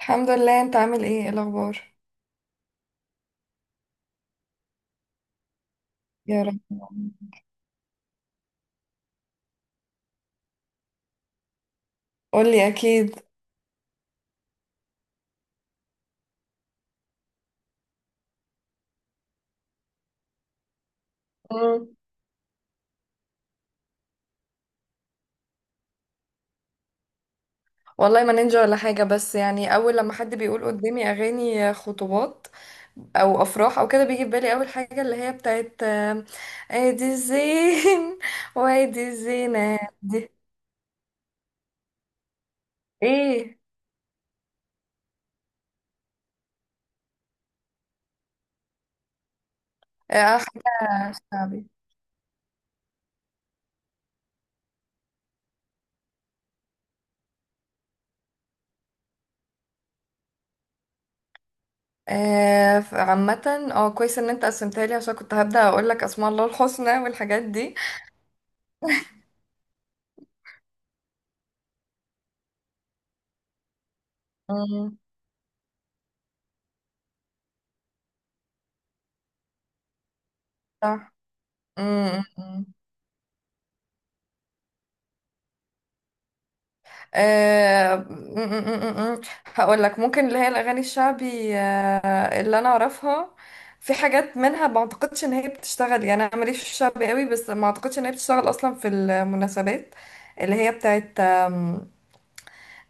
الحمد لله. انت عامل ايه؟ ايه الاخبار؟ يا رب. قولي اكيد. مم. والله ما نينجا ولا حاجة، بس يعني أول لما حد بيقول قدامي أغاني خطوبات أو أفراح أو كده، بيجي في بالي أول حاجة اللي هي بتاعت أدي الزين وأدي الزينة دي. إيه؟ حاجة شعبي. عامة اه، كويس إن أنت قسمتها لي عشان كنت هبدأ أقول لك أسماء الله الحسنى والحاجات دي. مم. صح. مم، مم. أه... م- م- م- م- هقول لك ممكن اللي هي الاغاني الشعبي، اللي انا اعرفها، في حاجات منها ما اعتقدش ان هي بتشتغل. يعني انا ماليش في الشعبي قوي، بس ما اعتقدش ان هي بتشتغل اصلا في المناسبات، اللي هي بتاعت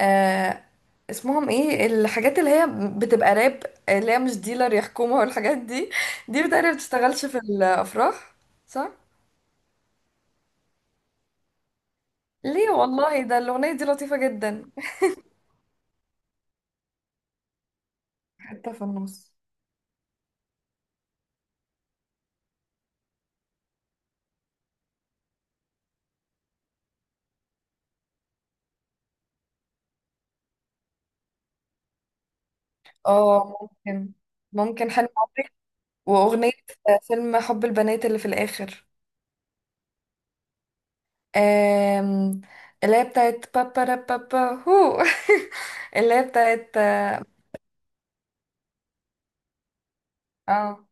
أه... اسمهم ايه الحاجات اللي هي بتبقى راب، اللي هي مش ديلر يحكمها والحاجات دي. دي بتقريبا ما بتشتغلش في الافراح. صح. ليه؟ والله ده الاغنيه دي لطيفه جدا. حته في النص. اه ممكن. ممكن حلم عمري واغنية فيلم حب البنات اللي في الاخر. آم، اللي هي بتاعت بابا را بابا هو اللي هي بتاعت. اه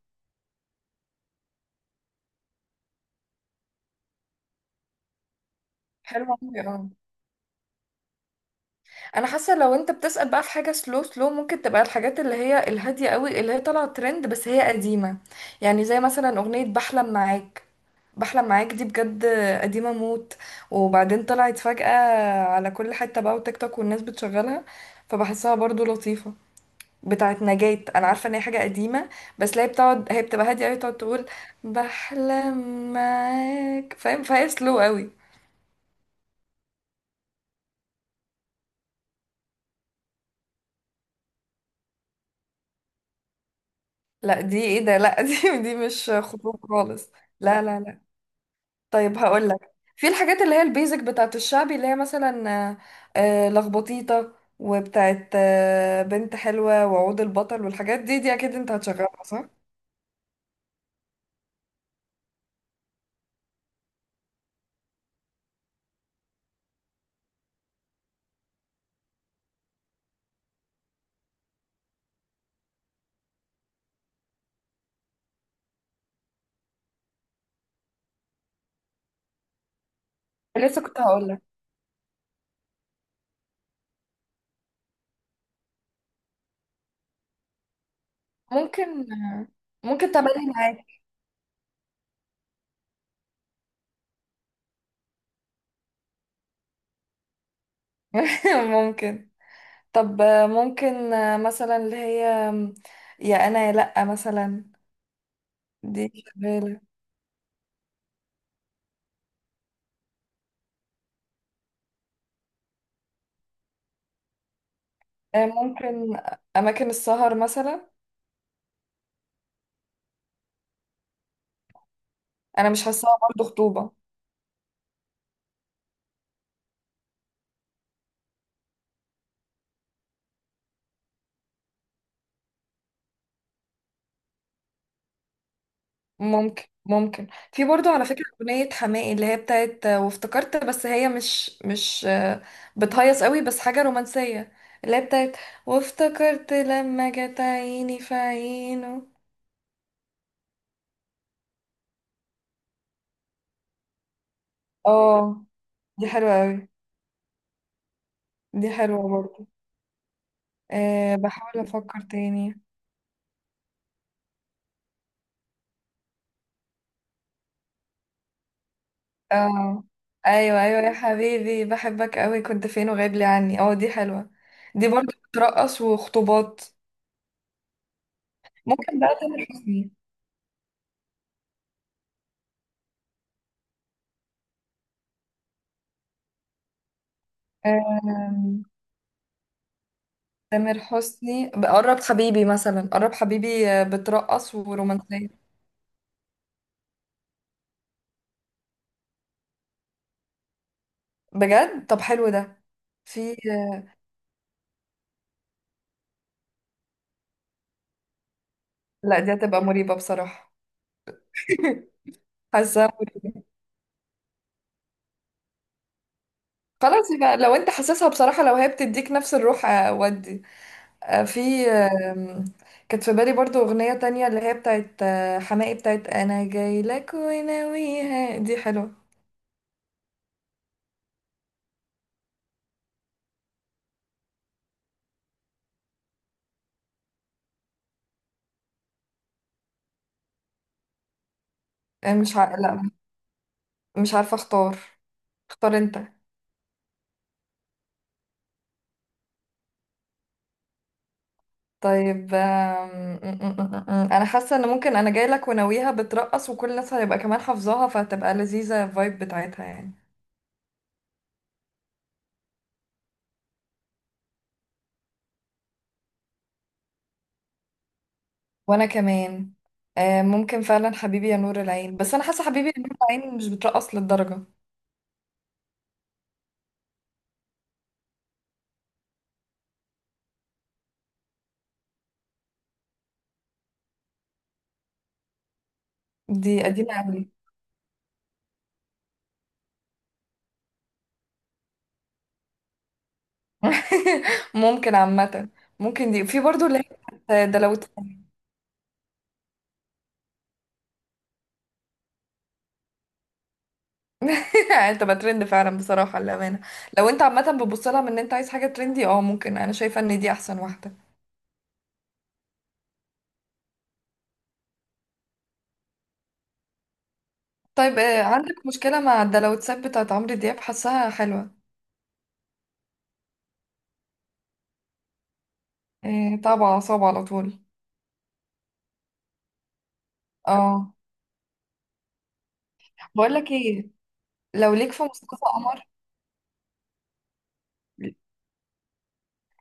حلو عمري اه. انا حاسه لو انت بتسأل بقى في حاجه سلو، سلو ممكن تبقى الحاجات اللي هي الهاديه قوي، اللي هي طالعه ترند بس هي قديمه. يعني زي مثلا اغنيه بحلم معاك. بحلم معاك دي بجد قديمة موت، وبعدين طلعت فجأة على كل حتة بقى وتيك توك والناس بتشغلها، فبحسها برضو لطيفة. بتاعت نجاة. انا عارفة ان هي حاجة قديمة، بس لا، هي بتبقى هادية قوي، تقعد تقول بحلم معاك، فاهم؟ فهي سلو قوي. لا دي ايه ده؟ لا دي مش خطوب خالص. لا. طيب هقول لك، في الحاجات اللي هي البيزك بتاعت الشعبي، اللي هي مثلا لخبطيطة، وبتاعت بنت حلوة، وعود البطل، والحاجات دي، دي اكيد انت هتشغلها صح؟ لسه كنت هقول لك. ممكن ممكن تملي معاك. ممكن. طب ممكن مثلا اللي هي يا انا يا لأ مثلا. دي شغالة. ممكن اماكن السهر مثلا. انا مش حاساها برضه خطوبة. ممكن ممكن. في برضو على فكرة أغنية حماقي اللي هي بتاعت وافتكرت، بس هي مش بتهيص قوي، بس حاجة رومانسية، اللي هي بتاعت وافتكرت لما جت عيني في عينه. اه دي حلوة قوي. دي حلوة برضو. أه بحاول أفكر تاني. اه أيوة يا حبيبي بحبك قوي كنت فين وغايب لي عني. اه دي حلوة. دي برضو بترقص وخطوبات. ممكن بقى تامر حسني. آم، تامر حسني قرب حبيبي مثلا. قرب حبيبي بترقص ورومانسية بجد. طب حلو ده. في لا دي هتبقى مريبة بصراحة. حاسة مريبة. خلاص يبقى لو انت حاسسها بصراحة، لو هي بتديك نفس الروح ودي. في آم، كانت في بالي برضو أغنية تانية اللي هي بتاعت حماقي، بتاعت أنا جاي لك وناويها، دي حلوة. آه، مش ع... لا مش عارفة اختار. اختار انت. طيب آم، م- م- م- م- م. انا حاسه ان ممكن انا جاي لك وناويها بترقص وكل الناس هتبقى كمان حافظاها، فهتبقى لذيذه الفايب بتاعتها يعني. وانا كمان. ممكن فعلا حبيبي يا نور العين، بس انا حاسه حبيبي يا نور العين مش بترقص للدرجه. دي قديمه قوي. ممكن عامه. ممكن دي، في برضو اللي هي بتاعت ده، لو انت بقى ترند فعلا بصراحه للامانه. لو انت عامه بتبص لها من ان انت عايز حاجه ترندي، اه ممكن، انا شايفه ان دي احسن واحده. طيب عندك مشكلة مع الدلوتسات بتاعت عمرو دياب؟ حاساها حلوة. طبعا، أعصاب على طول. اه. بقول لك ايه، لو ليك في مصطفى قمر.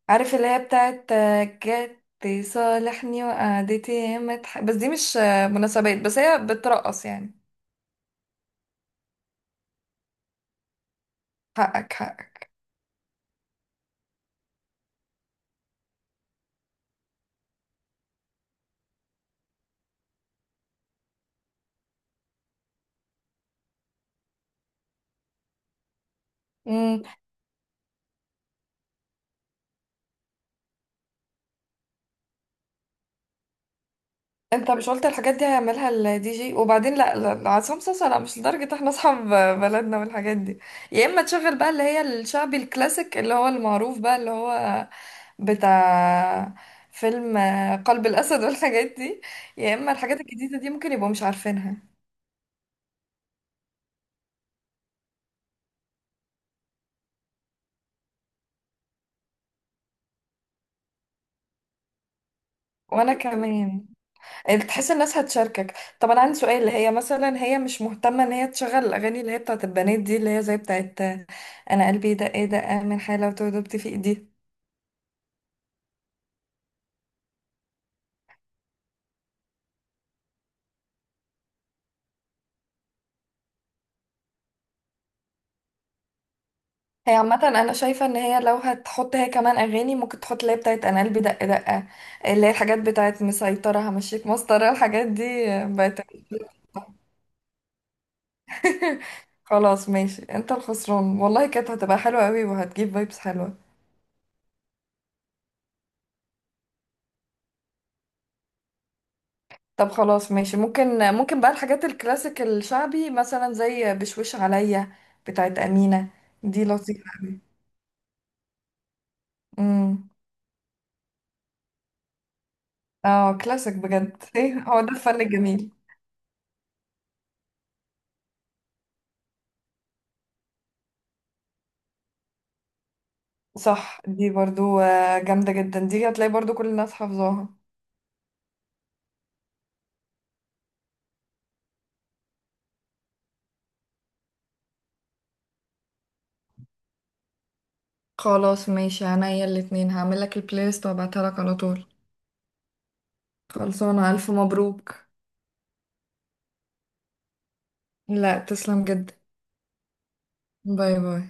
عارف اللي هي بتاعت جت صالحني وقعدتي ياما تح-، بس دي مش مناسبات، بس هي بترقص يعني. حقك حقك. انت مش قلت الحاجات دي هيعملها الدي جي؟ وبعدين لا، عصام صاصا لا، مش لدرجة احنا اصحاب بلدنا والحاجات دي. يا اما تشغل بقى اللي هي الشعبي الكلاسيك، اللي هو المعروف بقى، اللي هو بتاع فيلم قلب الاسد والحاجات دي. يا اما الحاجات الجديدة دي ممكن يبقوا مش عارفينها. وانا كمان. تحس الناس هتشاركك. طب انا عندي سؤال، هي مثلا هي مش مهتمة ان هي تشغل الاغاني اللي هي بتاعت البنات دي، اللي هي زي بتاعت انا قلبي دق دق من حالة، وتوه دبت في ايدي؟ هي عامة أنا شايفة إن هي لو هتحط هي كمان أغاني ممكن تحط اللي هي بتاعت أنا قلبي دق دقة، اللي هي الحاجات بتاعت مسيطرة، همشيك مسطرة، الحاجات دي بقت. خلاص ماشي، أنت الخسران، والله كانت هتبقى حلوة أوي وهتجيب فايبس حلوة. طب خلاص ماشي، ممكن ممكن بقى الحاجات الكلاسيك الشعبي، مثلا زي بشوش عليا بتاعت أمينة. دي لطيفة أوي. امم. اه كلاسيك بجد، ايه هو ده الفن الجميل. صح، دي برضو جامدة جدا، دي هتلاقي برضو كل الناس حافظاها. خلاص ماشي، عينيا الاتنين، هعملك البلاي ليست وابعتها لك على طول. خلصانة. ألف مبروك. لا تسلم جدا. باي باي.